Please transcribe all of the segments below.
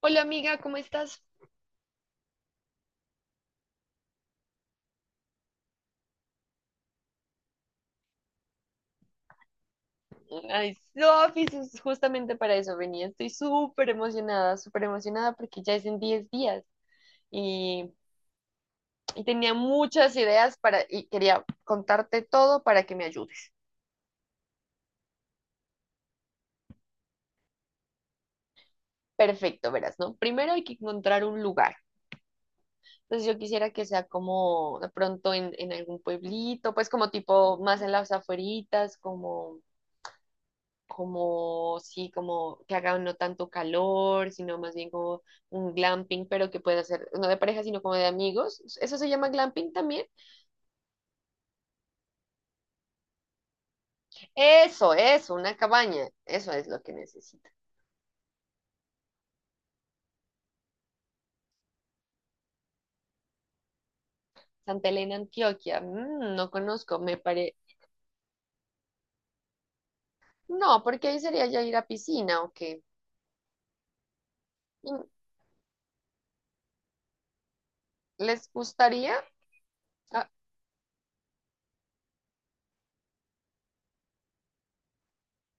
Hola amiga, ¿cómo estás? Ay, Sofi, es justamente para eso venía. Estoy súper emocionada porque ya es en 10 días y, y tenía muchas ideas para y quería contarte todo para que me ayudes. Perfecto, verás, ¿no? Primero hay que encontrar un lugar. Entonces yo quisiera que sea como de pronto en algún pueblito, pues como tipo más en las afueritas, como sí, como que haga no tanto calor, sino más bien como un glamping, pero que pueda ser no de pareja, sino como de amigos. ¿Eso se llama glamping también? Eso, una cabaña. Eso es lo que necesita. Santa Elena, Antioquia. No conozco. No, porque ahí sería ya ir a piscina o qué. Mm, ¿Les gustaría? Ah,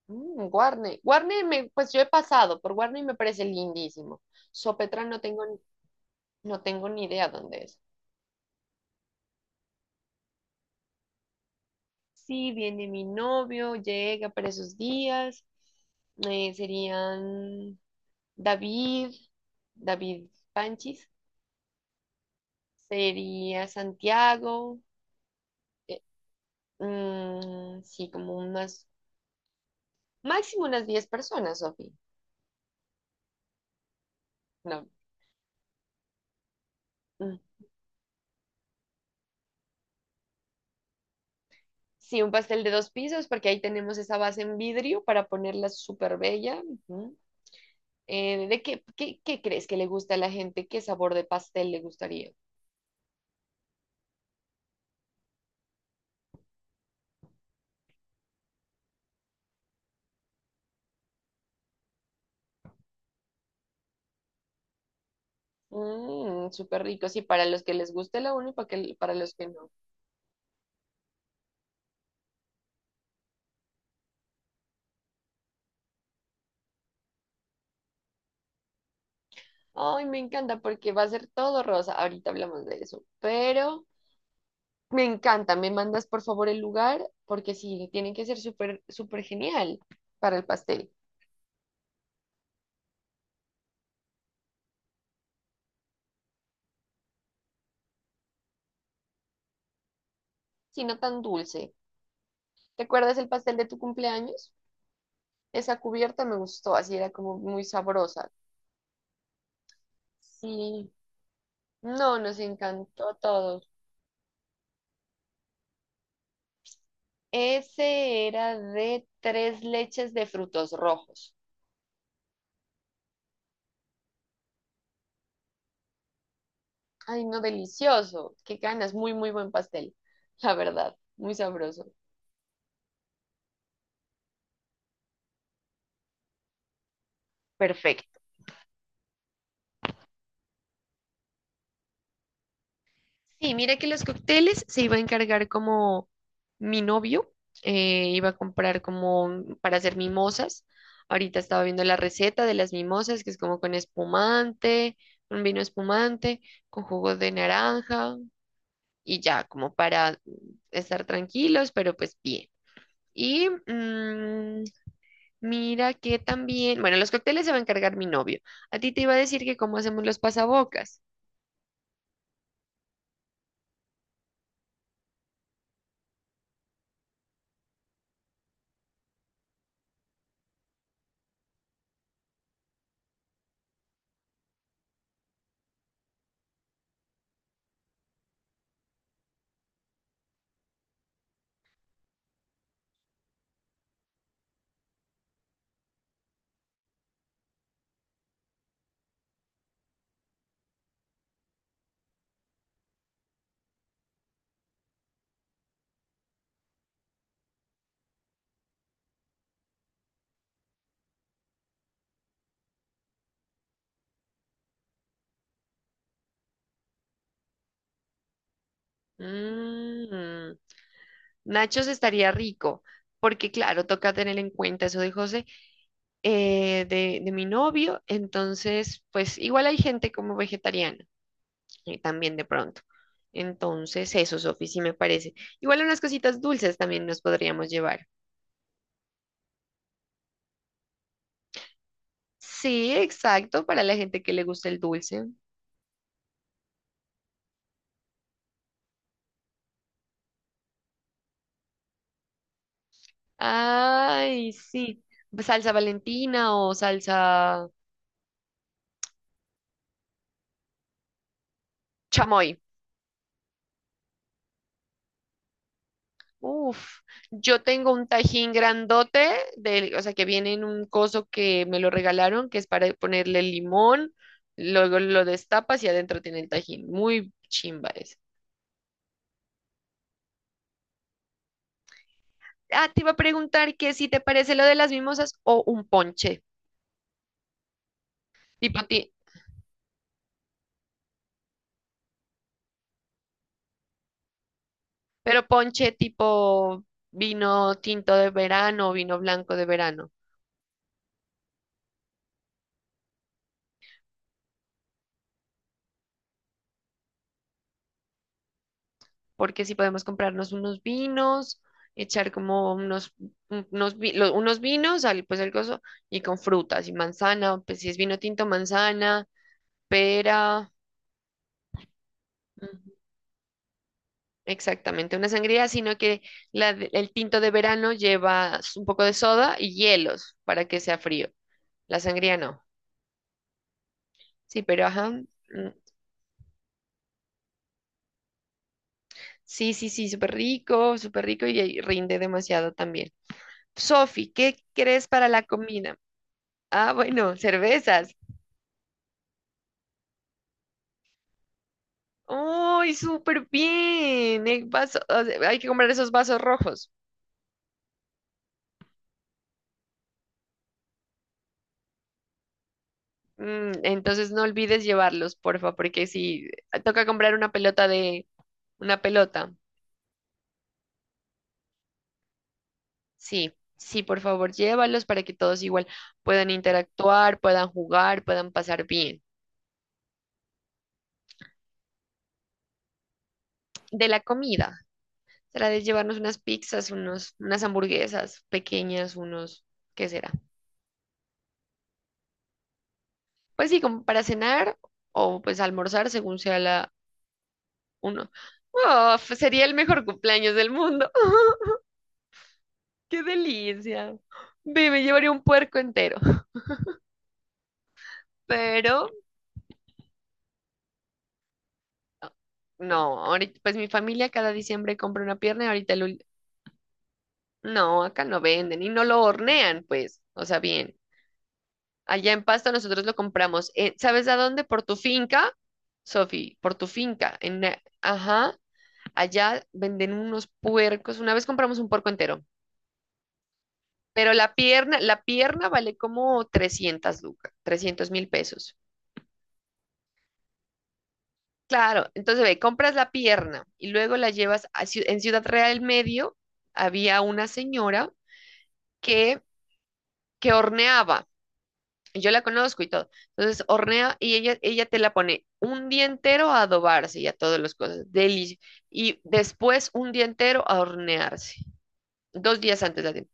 Guarne. Guarne, pues yo he pasado por Guarne y me parece lindísimo. Sopetrán no tengo ni idea dónde es. Sí, viene mi novio, llega para esos días. Serían David, David Panchis, sería Santiago. eh, sí, máximo unas 10 personas, Sofi. No, mm. Sí, un pastel de dos pisos, porque ahí tenemos esa base en vidrio para ponerla súper bella. Ujú. ¿Qué crees que le gusta a la gente? ¿Qué sabor de pastel le gustaría? Mmm, súper rico, sí, para los que les guste la uno y para los que no. Ay, me encanta porque va a ser todo rosa. Ahorita hablamos de eso, pero me encanta. Me mandas por favor el lugar porque sí, tiene que ser súper, súper genial para el pastel, si no tan dulce. ¿Te acuerdas el pastel de tu cumpleaños? Esa cubierta me gustó, así era como muy sabrosa. Sí, no, nos encantó a todos. Ese era de tres leches de frutos rojos. Ay, no, delicioso. Qué ganas. Muy, muy buen pastel. La verdad, muy sabroso. Perfecto. Sí, mira que los cócteles se iba a encargar como mi novio, iba a comprar para hacer mimosas. Ahorita estaba viendo la receta de las mimosas, que es como con espumante, un vino espumante, con jugo de naranja y ya, como para estar tranquilos, pero pues bien. Y mira que también, bueno, los cócteles se va a encargar mi novio. A ti te iba a decir que cómo hacemos los pasabocas. Mm, Nachos estaría rico, porque claro, toca tener en cuenta eso de José, de mi novio. Entonces, pues igual hay gente como vegetariana, también de pronto. Entonces, eso, Sofi, sí me parece. Igual unas cositas dulces también nos podríamos llevar. Sí, exacto, para la gente que le gusta el dulce. Ay, sí. Salsa Valentina o salsa chamoy. Uf, yo tengo un tajín grandote, de, o sea, que viene en un coso que me lo regalaron, que es para ponerle limón, luego lo destapas y adentro tiene el tajín. Muy chimba ese. Ah, te iba a preguntar que si te parece lo de las mimosas o un ponche, tipo ti- pero ponche tipo vino tinto de verano o vino blanco de verano. Porque si podemos comprarnos unos vinos, echar como unos, un- unos, vi- lo- unos vinos, y con frutas y manzana, pues si es vino tinto, manzana, pera, ujú, exactamente, una sangría, sino que el tinto de verano lleva un poco de soda y hielos para que sea frío. La sangría no. Sí, pero ajá. Sí, sí, sí, súper rico y ahí rinde demasiado también. Sofi, ¿qué crees para la comida? Ah, bueno, cervezas. ¡Uy, súper bien! El vaso, o sea, hay que comprar esos vasos rojos. Entonces no olvides llevarlos, porfa, porque si toca comprar una pelota. Sí, sí, por favor, llévalos para que todos igual puedan interactuar, puedan jugar, puedan pasar bien. De la comida, será de llevarnos unas pizzas, unas hamburguesas pequeñas, ¿qué será? Pues sí, como para cenar o pues almorzar según sea la, Uno. Oh, pues sería el mejor cumpleaños del mundo. ¡Qué delicia! Ve, me llevaría un puerco entero. Pero, no, ahorita, pues mi familia cada diciembre compra una pierna. No, acá no venden y no lo hornean, pues. O sea, bien. Allá en Pasto nosotros lo compramos. ¿Sabes a dónde? Por tu finca, Sofi, por tu finca. Ajá, allá venden unos puercos. Una vez compramos un puerco entero. Pero la pierna vale como 300 lucas, 300.000 pesos. Claro, entonces ve, compras la pierna y luego la llevas en Ciudad Real del Medio había una señora que que horneaba. Y yo la conozco y todo. Entonces hornea y ella te la pone un día entero a adobarse y a todas las cosas, y después un día entero a hornearse. 2 días antes la tiene.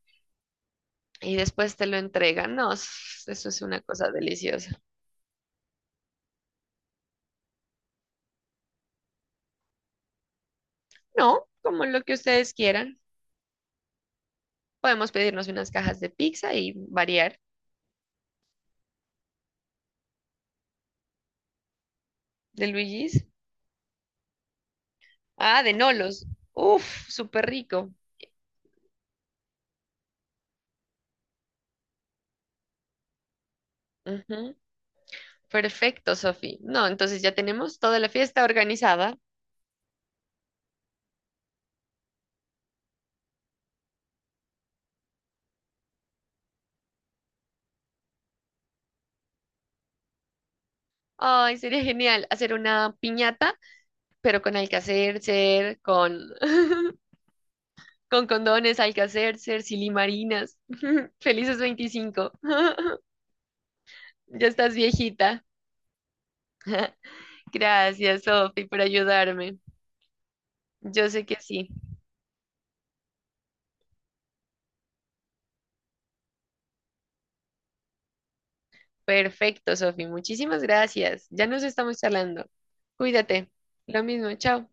Y después te lo entregan. No, eso es una cosa deliciosa. No, como lo que ustedes quieran. Podemos pedirnos unas cajas de pizza y variar. De Luigi's. Ah, de Nolos. Uf, súper rico. Ujú. Perfecto, Sofi. No, entonces ya tenemos toda la fiesta organizada. Ay, sería genial hacer una piñata, pero con Alcacercer, con, con condones, Alcacercer, silimarinas. Felices 25. Ya estás viejita. Gracias, Sofi, por ayudarme. Yo sé que sí. Perfecto, Sofi. Muchísimas gracias. Ya nos estamos charlando. Cuídate. Lo mismo, chao.